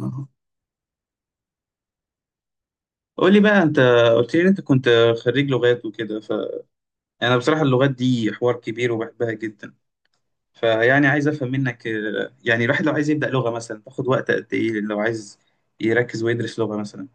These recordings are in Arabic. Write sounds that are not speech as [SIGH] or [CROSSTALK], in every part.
آه. قول لي بقى انت قلت لي إن انت كنت خريج لغات وكده فانا بصراحه اللغات دي حوار كبير وبحبها جدا. فيعني عايز افهم منك يعني الواحد لو عايز يبدا لغه مثلا تاخد وقت قد ايه لو عايز يركز ويدرس لغه مثلا.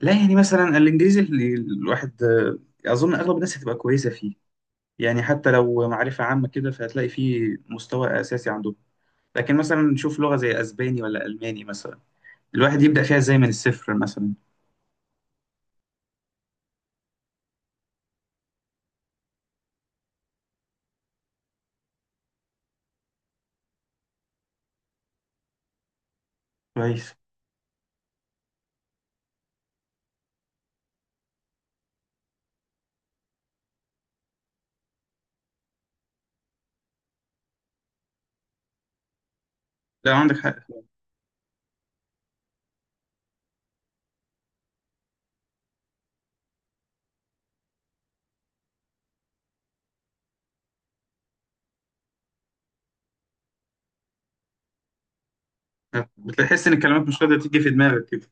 لا يعني مثلا الانجليزي اللي الواحد اظن اغلب الناس هتبقى كويسه فيه. يعني حتى لو معرفه عامه كده فهتلاقي فيه مستوى اساسي عندهم. لكن مثلا نشوف لغه زي اسباني ولا الماني مثلا، الواحد يبدا فيها ازاي من الصفر مثلا. كويس. لا عندك حق. بتحس ان الكلمات مش قادره تيجي في دماغك كده.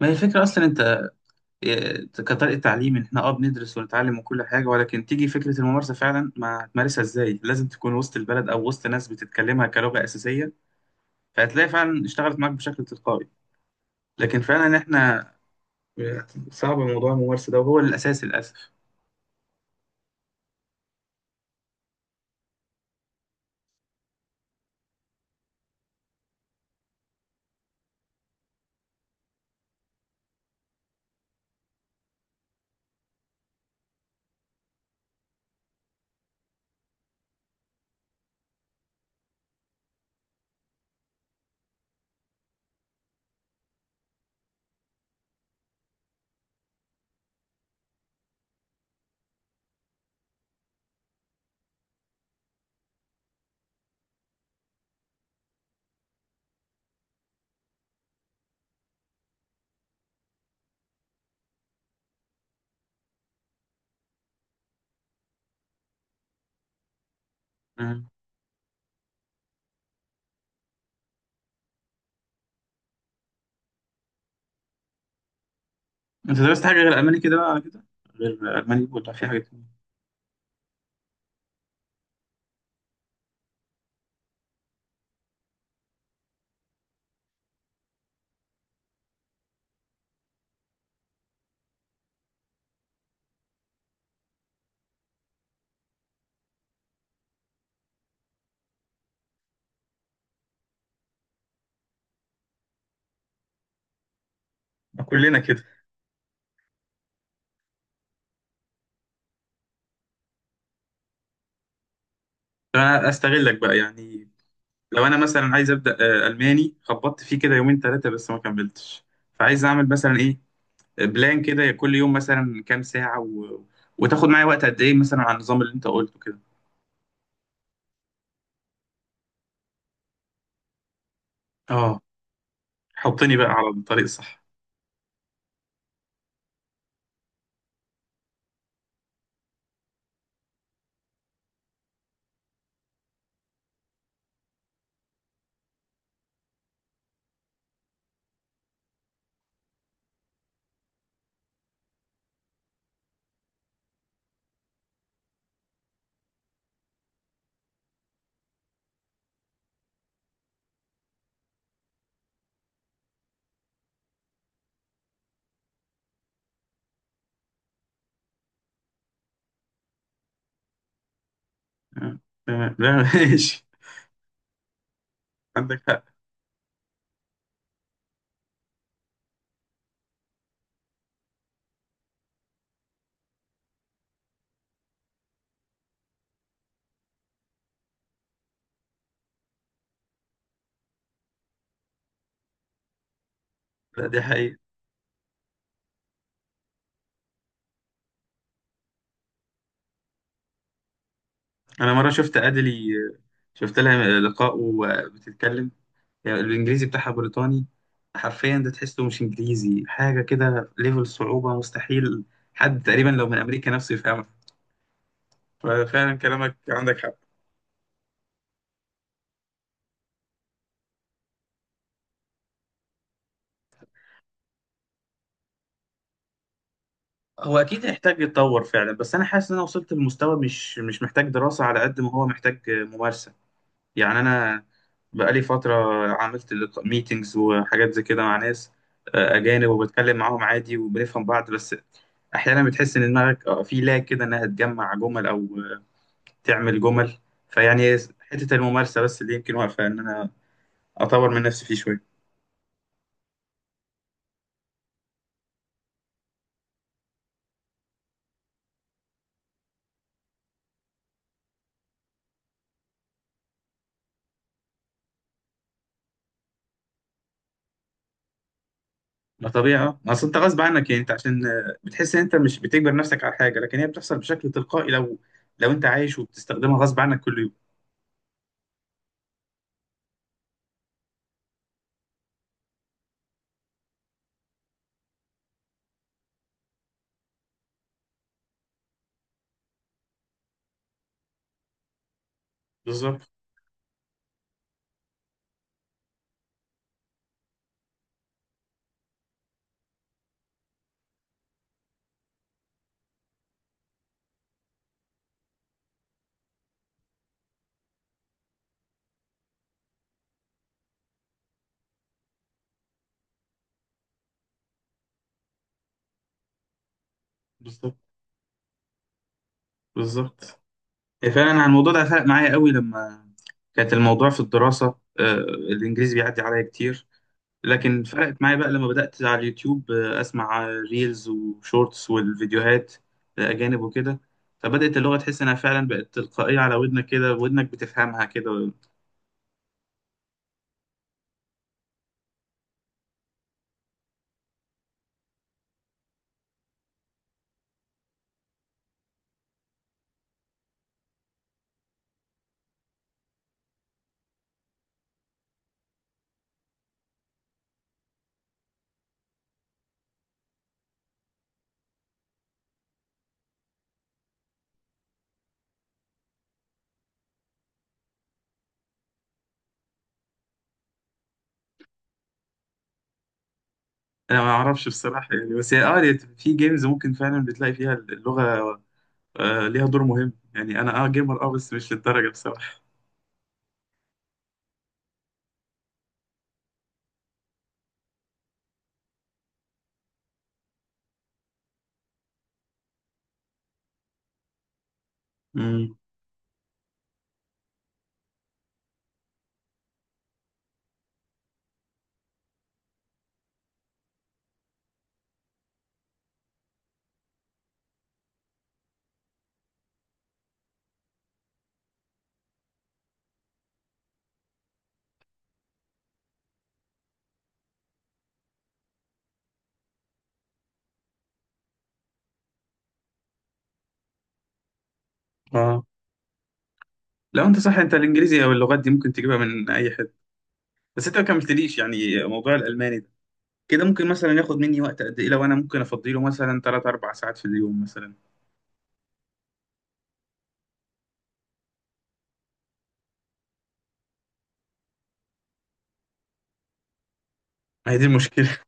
ما هي الفكره اصلا انت كطريقه تعليم إن احنا اه بندرس ونتعلم وكل حاجه، ولكن تيجي فكره الممارسه فعلا ما هتمارسها ازاي. لازم تكون وسط البلد او وسط ناس بتتكلمها كلغه اساسيه، فهتلاقي فعلا اشتغلت معاك بشكل تلقائي. لكن فعلا احنا صعب موضوع الممارسه ده وهو الاساس للاسف. مم. انت درست حاجه غير الماني كده بقى على كده، غير الماني ولا في حاجه تانية؟ كلنا كده. طب انا استغلك بقى يعني. لو انا مثلا عايز ابدا الماني، خبطت فيه كده يومين ثلاثه بس ما كملتش، فعايز اعمل مثلا ايه. بلان كده كل يوم مثلا كام ساعه وتاخد معايا وقت قد ايه مثلا على النظام اللي انت قلته كده. اه حطني بقى على الطريق الصح. آه، تمام لا [LAUGHS] ماشي. عندك حق. لا دي حقيقة. انا مره شفت ادلي، شفت لها لقاء وبتتكلم. يعني الانجليزي بتاعها بريطاني، حرفيا ده تحسه مش انجليزي، حاجه كده ليفل صعوبه مستحيل. حد تقريبا لو من امريكا نفسه يفهمها. فعلا كلامك عندك حق. هو اكيد يحتاج يتطور فعلا، بس انا حاسس ان انا وصلت لمستوى مش محتاج دراسه على قد ما هو محتاج ممارسه. يعني انا بقالي فتره عملت ميتينجز وحاجات زي كده مع ناس اجانب، وبتكلم معاهم عادي وبنفهم بعض، بس احيانا بتحس ان دماغك في لا كده انها تجمع جمل او تعمل جمل. فيعني حته الممارسه بس اللي يمكن واقفه ان انا اطور من نفسي فيه شويه. ما طبيعي اه، اصل انت غصب عنك. يعني انت عشان بتحس ان انت مش بتجبر نفسك على حاجه، لكن هي بتحصل بشكل تلقائي لو لو انت عايش وبتستخدمها غصب عنك كل يوم. بالظبط بالظبط بالظبط. هي فعلا انا الموضوع ده فرق معايا قوي لما كانت الموضوع في الدراسه، الانجليزي بيعدي عليا كتير. لكن فرقت معايا بقى لما بدات على اليوتيوب اسمع ريلز وشورتس والفيديوهات اجانب وكده. فبدات اللغه تحس انها فعلا بقت تلقائيه على ودنك كده، ودنك بتفهمها كده. انا ما اعرفش بصراحه يعني، بس هي اه هي في جيمز ممكن فعلا بتلاقي فيها اللغه آه، ليها دور مهم. يعني انا اه جيمر اه بس مش للدرجه بصراحه. امم اه لو انت صح، انت الانجليزي او اللغات دي ممكن تجيبها من اي حته. بس انت ما كملتليش يعني موضوع الالماني ده. كده ممكن مثلا ياخد مني وقت قد ايه لو انا ممكن افضيله مثلا 3 4 ساعات في اليوم مثلا. هي دي المشكله.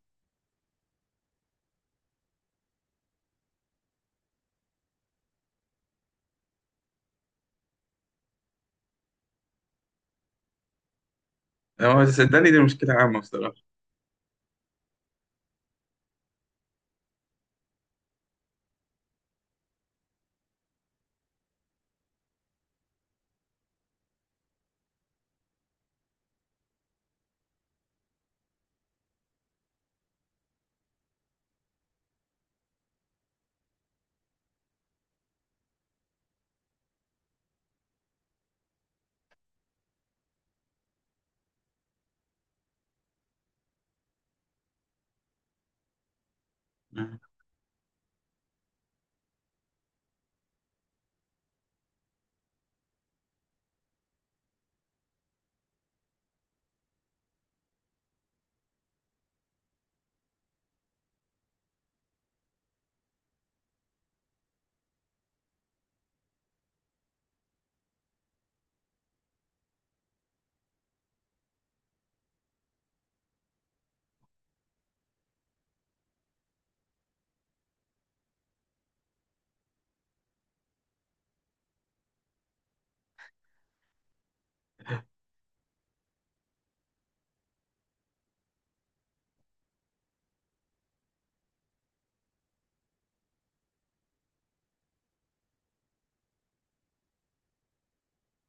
[LAUGHS] اه صدقني دي مشكله عامه بصراحه. مم.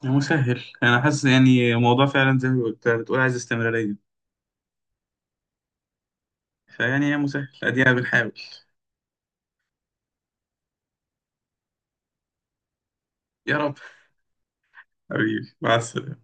يا مسهل انا حاسس يعني موضوع فعلا زي ما قلت- بتقول عايز استمراريه. فيعني يا مسهل ادينا بنحاول. يا رب. حبيبي مع السلامة.